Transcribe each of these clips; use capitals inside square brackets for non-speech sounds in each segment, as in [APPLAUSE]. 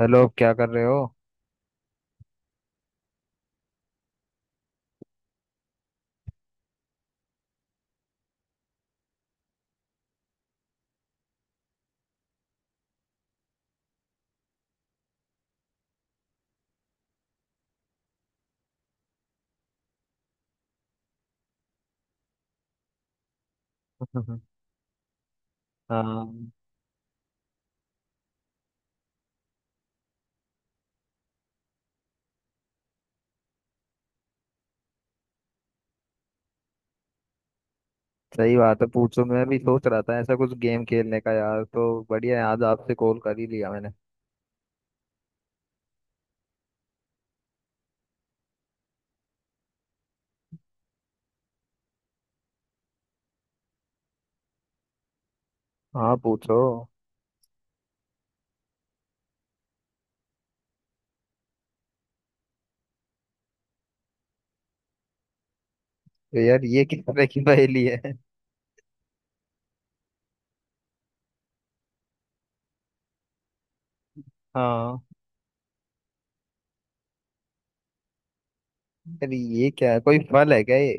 Hello, क्या कर रहे हो? [LAUGHS] हाँ, सही बात है, पूछो। मैं भी सोच रहा था ऐसा कुछ गेम खेलने का, यार। तो बढ़िया है, आज आपसे कॉल कर ही लिया मैंने। हाँ, पूछो। तो यार ये किस तरह की पहेली है? हाँ, यार ये क्या है? कोई फल है क्या ये?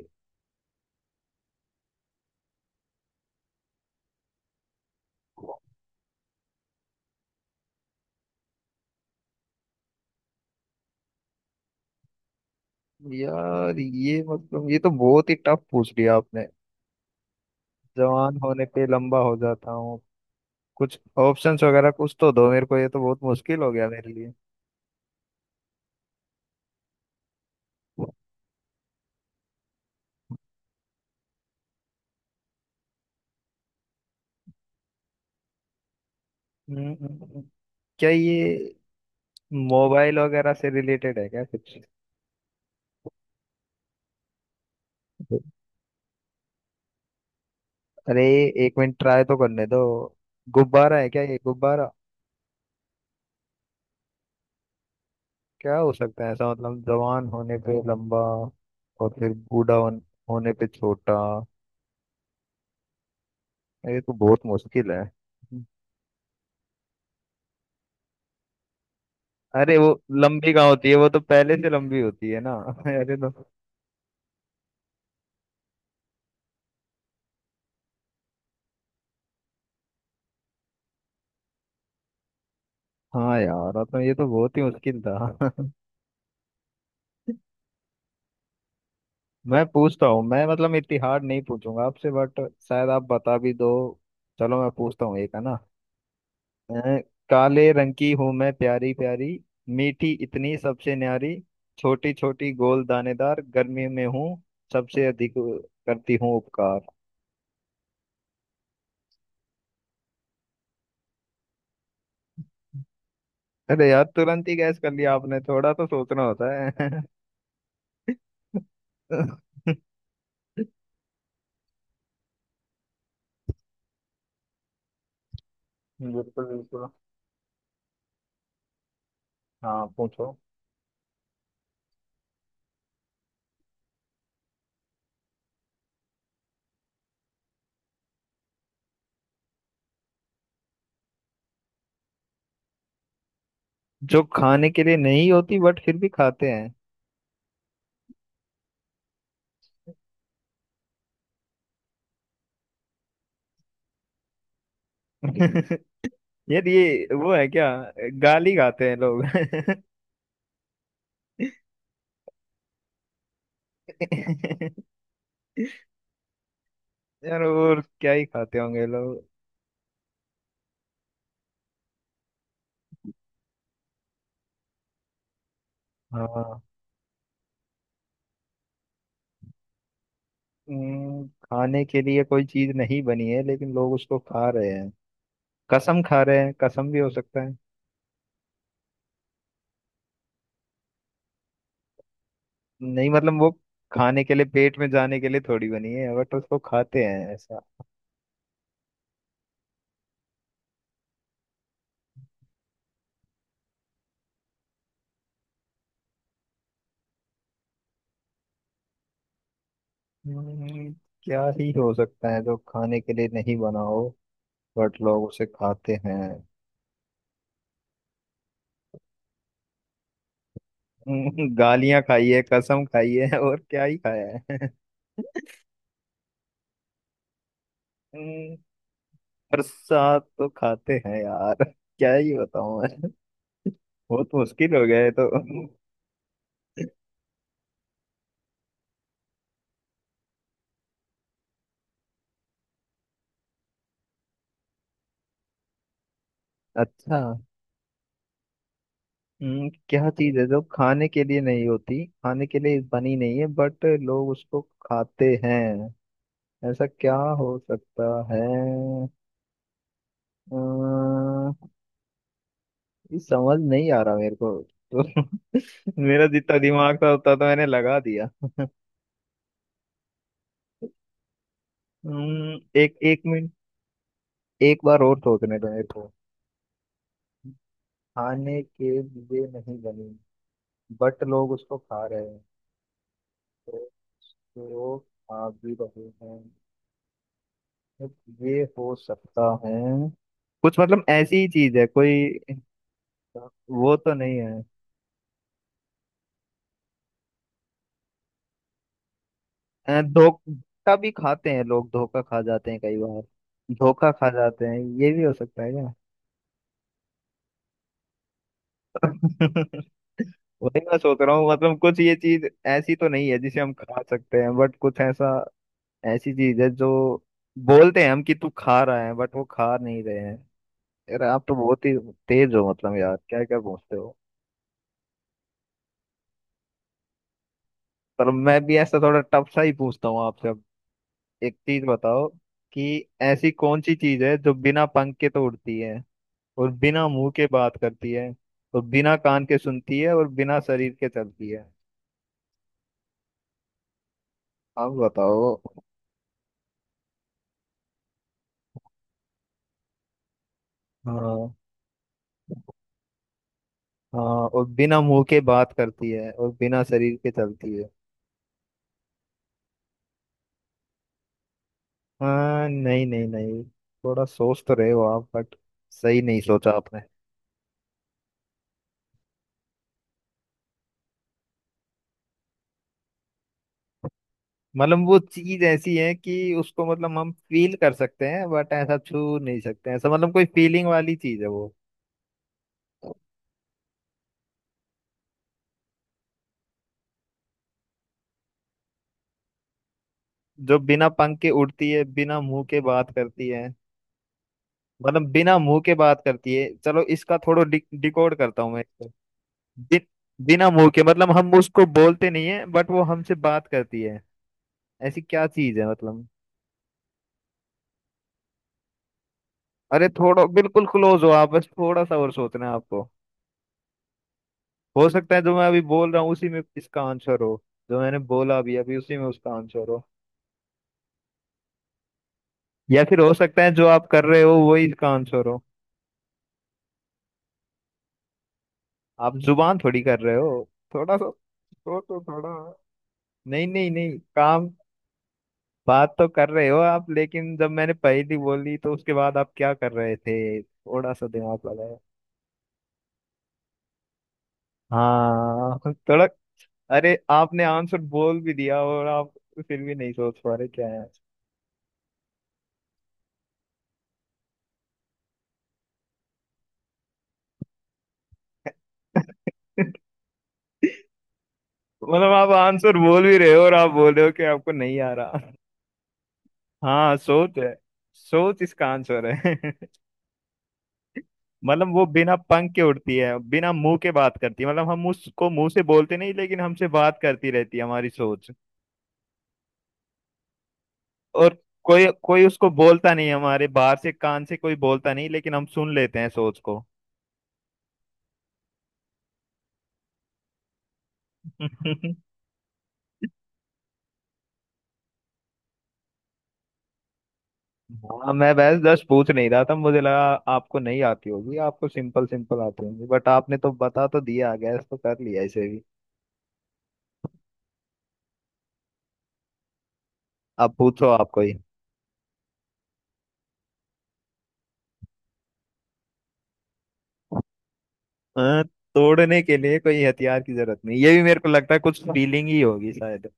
यार ये मतलब ये तो बहुत ही टफ पूछ लिया आपने। जवान होने पे लंबा हो जाता हूँ। कुछ ऑप्शंस वगैरह कुछ तो दो मेरे को, ये तो बहुत मुश्किल हो गया मेरे लिए। हम्म, हम्म, हम्म। क्या ये मोबाइल वगैरह से रिलेटेड है क्या कुछ? अरे, एक मिनट, ट्राई तो करने दो। गुब्बारा है क्या? ये गुब्बारा? क्या हो सकता है ऐसा? मतलब जवान होने पे लंबा और फिर होने पे छोटा। ये तो बहुत मुश्किल है। अरे वो लंबी कहाँ होती है? वो तो पहले से लंबी होती है ना। [LAUGHS] अरे तो हाँ, यार तो ये तो बहुत ही मुश्किल था। [LAUGHS] मैं पूछता हूँ। मैं मतलब इतनी हार्ड नहीं पूछूंगा आपसे, बट शायद आप बता भी दो। चलो मैं पूछता हूँ, एक है ना। अ, काले रंग की हूं मैं प्यारी प्यारी, मीठी इतनी सबसे न्यारी। छोटी छोटी गोल दानेदार, गर्मी में हूँ सबसे अधिक करती हूँ उपकार। अरे यार, तुरंत ही गैस कर लिया आपने, थोड़ा तो सोचना होता है। [LAUGHS] बिल्कुल। बिल्कुल, हाँ पूछो। जो खाने के लिए नहीं होती बट फिर भी खाते हैं? [LAUGHS] यार ये वो है क्या, गाली खाते हैं लोग? [LAUGHS] यार और क्या ही खाते होंगे लोग। हाँ। खाने के लिए कोई चीज नहीं बनी है लेकिन लोग उसको खा रहे हैं। कसम खा रहे हैं, कसम भी हो सकता है। नहीं मतलब वो खाने के लिए, पेट में जाने के लिए थोड़ी बनी है बट उसको खाते हैं ऐसा। हम्म, क्या ही हो सकता है जो खाने के लिए नहीं बना हो बट लोग उसे खाते हैं? [LAUGHS] गालियां खाई है, कसम खाई है, और क्या ही खाया है? [LAUGHS] हम्म, पर साथ तो खाते हैं यार। [LAUGHS] क्या ही बताऊं मैं, बहुत मुश्किल हो गया है तो। [LAUGHS] अच्छा। क्या चीज है जो खाने के लिए नहीं होती, खाने के लिए बनी नहीं है बट लोग उसको खाते हैं? ऐसा क्या हो सकता है? अम्म, ये समझ नहीं आ रहा मेरे को तो। [LAUGHS] मेरा जितना दिमाग था उतना तो मैंने लगा दिया। एक एक मिनट। एक बार और सोचने दो मेरे को। खाने के लिए नहीं बनी बट लोग उसको खा रहे हैं तो, तो खा भी रहे हैं। ये हो सकता है कुछ, मतलब ऐसी ही चीज है कोई? वो तो नहीं है। धोखा भी खाते हैं लोग, धोखा खा जाते हैं कई बार। धोखा खा जाते हैं, ये भी हो सकता है क्या? [LAUGHS] वही मैं सोच रहा हूँ, मतलब कुछ ये चीज ऐसी तो नहीं है जिसे हम खा सकते हैं, बट कुछ ऐसा, ऐसी चीज है जो, बोलते हैं हम कि तू खा रहा है बट वो खा नहीं रहे हैं। यार आप तो बहुत ही तेज हो, मतलब यार क्या क्या पूछते हो। पर मैं भी ऐसा थोड़ा टफ सा ही पूछता हूँ आपसे। एक चीज बताओ कि ऐसी कौन सी चीज है जो बिना पंख के तो उड़ती है, और बिना मुंह के बात करती है, और बिना कान के सुनती है, और बिना शरीर के चलती है। अब बताओ। हाँ। हाँ, और बिना मुंह के बात करती है और बिना शरीर के चलती है। हाँ, नहीं नहीं नहीं। थोड़ा सोच तो रहे हो आप, बट सही नहीं सोचा आपने। मतलब वो चीज ऐसी है कि उसको, मतलब हम फील कर सकते हैं बट ऐसा छू नहीं सकते। ऐसा मतलब कोई फीलिंग वाली चीज है वो। जो बिना पंख के उड़ती है, बिना मुंह के बात करती है, मतलब बिना मुंह के बात करती है। चलो इसका थोड़ा डिकोड करता हूँ मैं इसको। बि, बिना मुंह के मतलब हम उसको बोलते नहीं है बट वो हमसे बात करती है। ऐसी क्या चीज है मतलब? अरे थोड़ा बिल्कुल क्लोज हो आप, बस थोड़ा सा और सोचना है आपको। हो सकता है जो मैं अभी बोल रहा हूँ उसी में इसका आंसर हो। जो मैंने बोला अभी अभी उसी में उसका आंसर हो। या फिर हो सकता है जो आप कर रहे हो वही इसका आंसर हो। आप जुबान थोड़ी कर रहे हो? थोड़ा सा सोचो, थोड़ा। नहीं नहीं नहीं, काम। बात तो कर रहे हो आप, लेकिन जब मैंने पहली बोली तो उसके बाद आप क्या कर रहे थे, थोड़ा सा दिमाग लगाया? हाँ, थोड़ा। अरे आपने आंसर बोल भी दिया और आप फिर भी नहीं सोच पा रहे क्या है आंसर। [LAUGHS] मतलब आप आंसर बोल भी रहे हो और आप बोल रहे हो कि आपको नहीं आ रहा। हाँ, सोच है। सोच इसका आंसर है। [LAUGHS] मतलब वो बिना पंख के उड़ती है, बिना मुंह के बात करती है, मतलब हम उसको मुंह से बोलते नहीं लेकिन हमसे बात करती रहती है हमारी सोच। और कोई कोई उसको बोलता नहीं हमारे, बाहर से कान से कोई बोलता नहीं, लेकिन हम सुन लेते हैं सोच को। [LAUGHS] हाँ, मैं बस जस्ट पूछ नहीं रहा था, मुझे लगा आपको नहीं आती होगी, आपको सिंपल सिंपल आती होगी। बट आपने तो बता तो दिया, गैस तो कर लिया इसे भी। अब पूछो आप कोई। अ, तोड़ने के लिए कोई हथियार की जरूरत नहीं? ये भी मेरे को लगता है कुछ फीलिंग ही होगी शायद।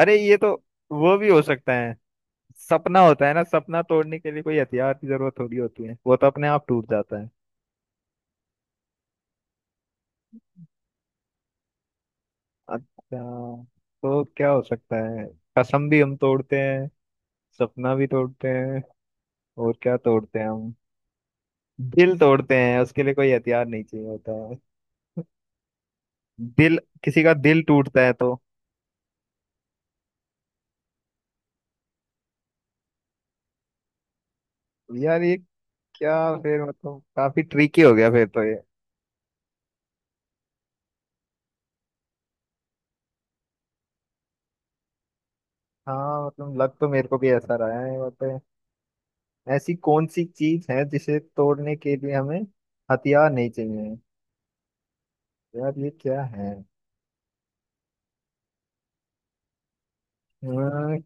अरे ये तो, वो भी हो सकता है, सपना होता है ना। सपना तोड़ने के लिए कोई हथियार की जरूरत थोड़ी होती है, वो तो अपने आप टूट जाता है। अच्छा, तो क्या हो सकता है? कसम भी हम तोड़ते हैं, सपना भी तोड़ते हैं, और क्या तोड़ते हैं हम? दिल तोड़ते हैं, उसके लिए कोई हथियार नहीं चाहिए होता है। दिल, किसी का दिल टूटता है तो। यार ये क्या, फिर मतलब काफी ट्रिकी हो गया फिर तो ये। हाँ, मतलब लग तो मेरे को भी ऐसा रहा है यहाँ पे। ऐसी कौन सी चीज है जिसे तोड़ने के लिए हमें हथियार नहीं चाहिए? यार ये क्या है? अ,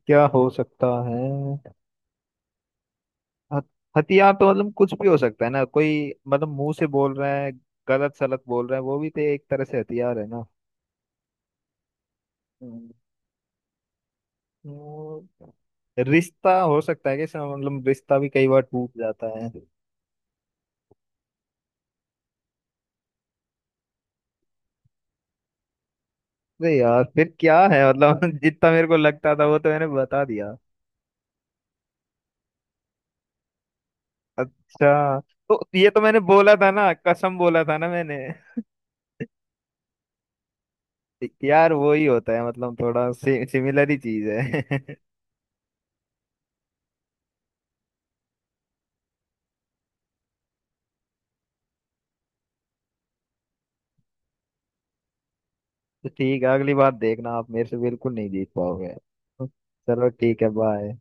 क्या हो सकता है? हथ- हथियार तो मतलब कुछ भी हो सकता है ना, कोई मतलब मुंह से बोल रहा है, गलत सलत बोल रहा है, वो भी तो एक तरह से हथियार है ना। हम्म। वो रिश्ता हो सकता है कि इसमें, मतलब रिश्ता भी कई बार टूट जाता है। अरे यार फिर क्या है मतलब? [LAUGHS] जितना मेरे को लगता था वो तो मैंने बता दिया। अच्छा, तो ये तो मैंने बोला था ना, कसम बोला था ना मैंने। यार वो ही होता है, मतलब थोड़ा सिमिलर ही चीज है। [LAUGHS] तो ठीक है, अगली बार देखना, आप मेरे से बिल्कुल नहीं जीत पाओगे। चलो ठीक है, बाय।